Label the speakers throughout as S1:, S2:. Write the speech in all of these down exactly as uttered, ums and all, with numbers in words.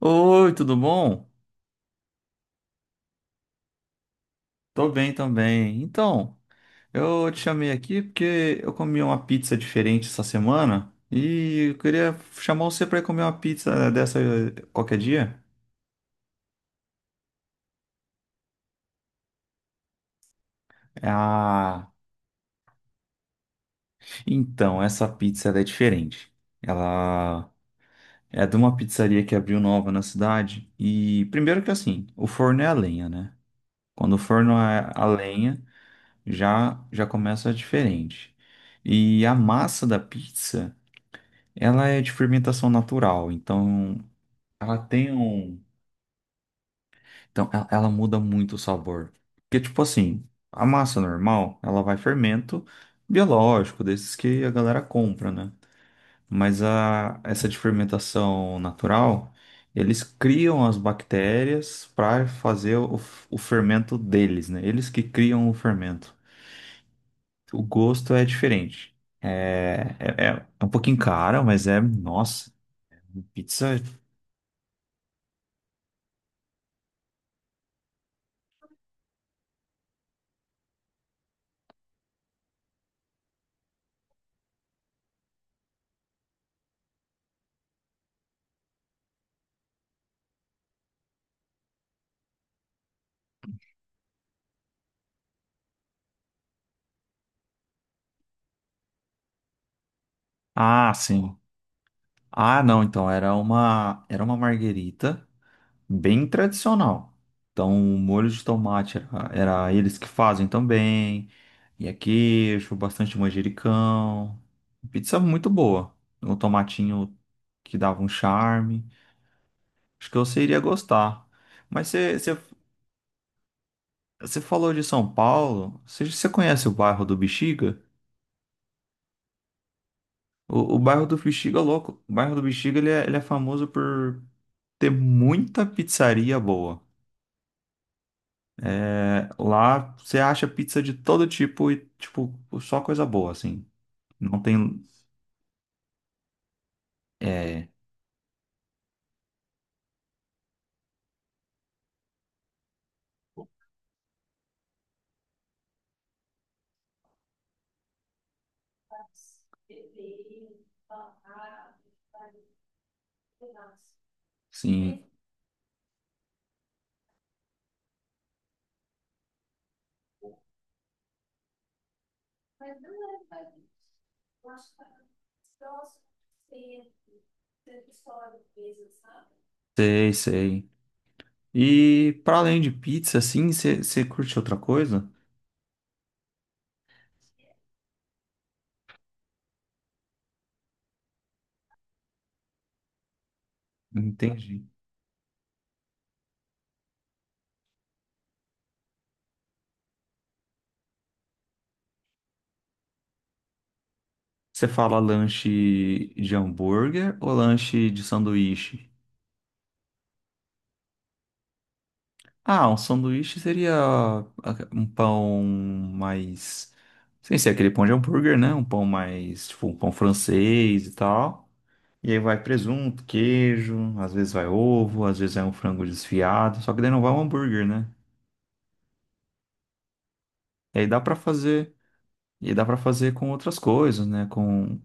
S1: Oi, tudo bom? Tô bem também. Então, eu te chamei aqui porque eu comi uma pizza diferente essa semana e eu queria chamar você para comer uma pizza eh, dessa qualquer dia. Ah, então, essa pizza ela é diferente. Ela é de uma pizzaria que abriu nova na cidade e primeiro que assim, o forno é a lenha, né? Quando o forno é a lenha, já já começa diferente. E a massa da pizza ela é de fermentação natural, então ela tem um. Então ela, ela muda muito o sabor. Porque, tipo assim, a massa normal, ela vai fermento biológico, desses que a galera compra, né? Mas a, essa de fermentação natural, eles criam as bactérias para fazer o, o fermento deles, né? Eles que criam o fermento. O gosto é diferente. É, é, é um pouquinho caro, mas é. Nossa, pizza. Ah, sim. Ah, não, então era uma era uma marguerita bem tradicional. Então, o molho de tomate era, era eles que fazem também. E é queijo, bastante manjericão. Pizza muito boa. Um tomatinho que dava um charme. Acho que você iria gostar. Mas você você- você falou de São Paulo. Você, você conhece o bairro do Bexiga? O, o bairro do Bexiga é louco. O bairro do Bexiga ele é, ele é famoso por ter muita pizzaria boa. É, lá você acha pizza de todo tipo e, tipo, só coisa boa, assim. Não tem. É, sim. Sei, sei. E para além de pizza, assim, você você curte outra coisa? Entendi. Você fala lanche de hambúrguer ou lanche de sanduíche? Ah, um sanduíche seria ah, um pão mais. Sem ser aquele pão de hambúrguer, né? Um pão mais. Tipo, um pão francês e tal. E aí vai presunto, queijo, às vezes vai ovo, às vezes é um frango desfiado, só que daí não vai um hambúrguer, né? E aí dá pra fazer, e dá para fazer com outras coisas, né? Com,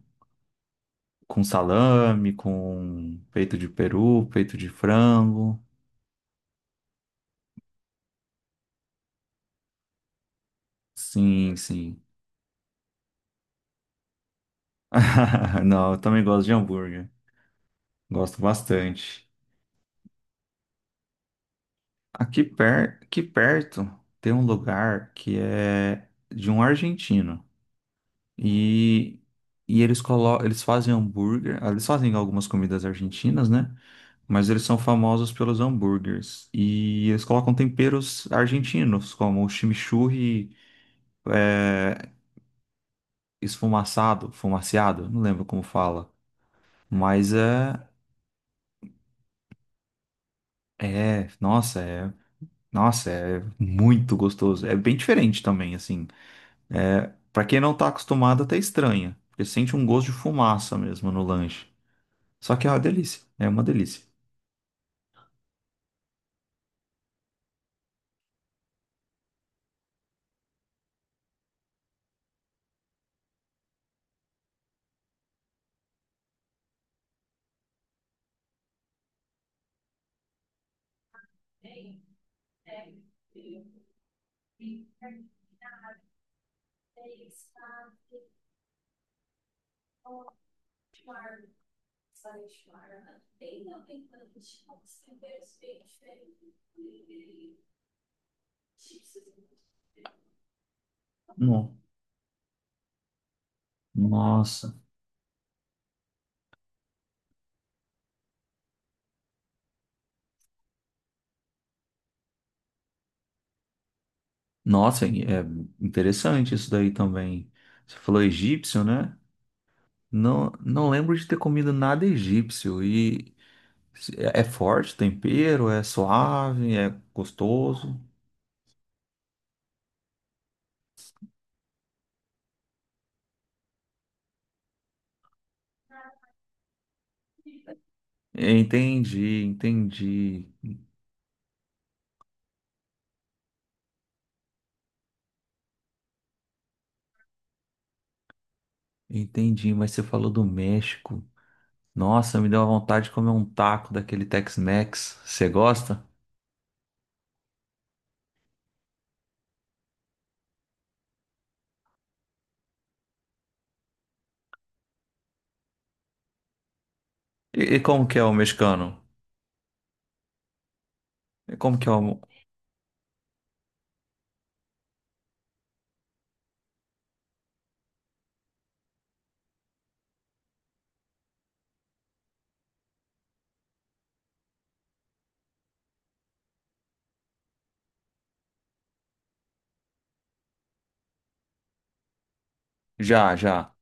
S1: com salame, com peito de peru, peito de frango. Sim, sim. Não, eu também gosto de hambúrguer. Gosto bastante. Aqui per, aqui perto tem um lugar que é de um argentino. E, e eles colocam, eles fazem hambúrguer, ah, eles fazem algumas comidas argentinas, né? Mas eles são famosos pelos hambúrgueres. E eles colocam temperos argentinos, como o chimichurri esfumaçado, fumaciado, não lembro como fala. Mas é, é, nossa, é, nossa, é muito gostoso. É bem diferente também, assim. É, para quem não tá acostumado, até estranha, porque sente um gosto de fumaça mesmo no lanche. Só que é uma delícia, é uma delícia. Não. Nossa. Nossa, é interessante isso daí também. Você falou egípcio, né? Não, não lembro de ter comido nada egípcio. E é é forte o tempero, é suave, é gostoso. Entendi, entendi, entendi. Mas você falou do México. Nossa, me deu a vontade de comer um taco daquele Tex-Mex. Você gosta? E, e como que é o mexicano? E como que é o... Já, já.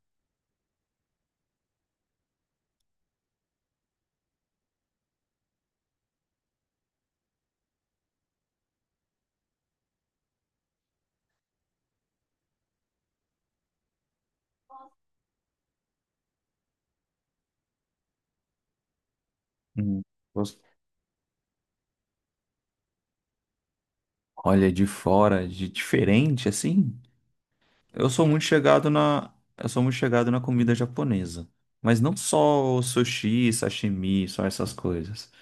S1: Hum. Olha, de fora, de diferente, assim. Eu sou muito chegado na, eu sou muito chegado na comida japonesa, mas não só o sushi, sashimi, só essas coisas.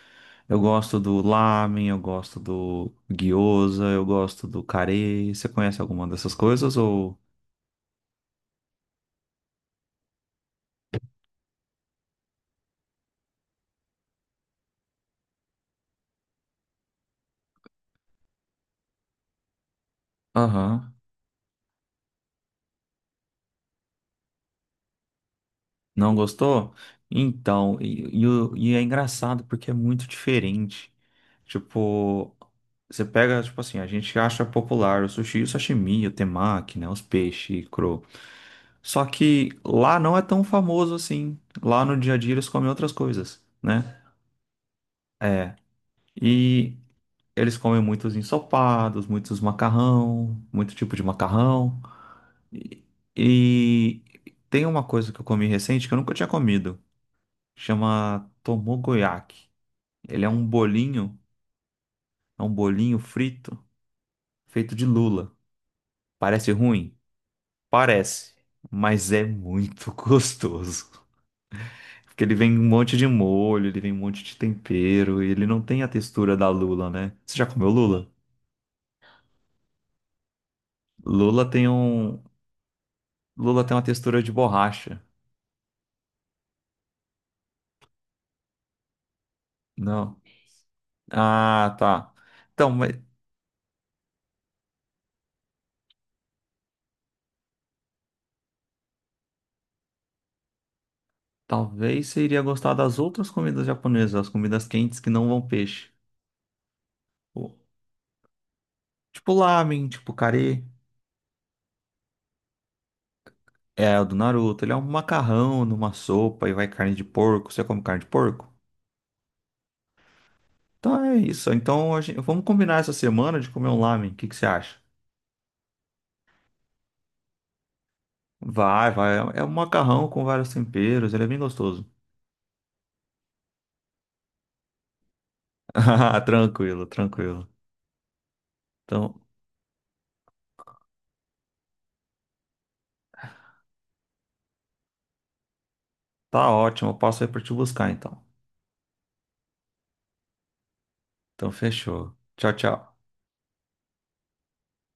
S1: Eu gosto do lamen, eu gosto do gyoza, eu gosto do kare. Você conhece alguma dessas coisas ou? Aham. Não gostou? Então, e, e o- e é engraçado porque é muito diferente. Tipo, você pega, tipo assim, a gente acha popular o sushi, o sashimi, o temaki, né? Os peixes cru. Só que lá não é tão famoso assim. Lá no dia a dia eles comem outras coisas, né? É. E eles comem muitos ensopados, muitos macarrão, muito tipo de macarrão. E, e tem uma coisa que eu comi recente que eu nunca tinha comido. Chama Tomogoyaki. Ele é um bolinho, é um bolinho frito feito de lula. Parece ruim? Parece, mas é muito gostoso. Porque ele vem um monte de molho, ele vem um monte de tempero e ele não tem a textura da lula, né? Você já comeu lula? Lula tem um, lula tem uma textura de borracha. Não. Ah, tá. Então, mas talvez você iria gostar das outras comidas japonesas, as comidas quentes que não vão peixe. Tipo tipo lamen, tipo carê. É, o do Naruto. Ele é um macarrão numa sopa e vai carne de porco. Você come carne de porco? Então é isso. Então a gente- vamos combinar essa semana de comer um lamen. O que que você acha? Vai, vai. É um macarrão com vários temperos. Ele é bem gostoso. Ah, tranquilo, tranquilo. Então tá ótimo. Eu passo aí pra te buscar então. Então fechou. Tchau, tchau.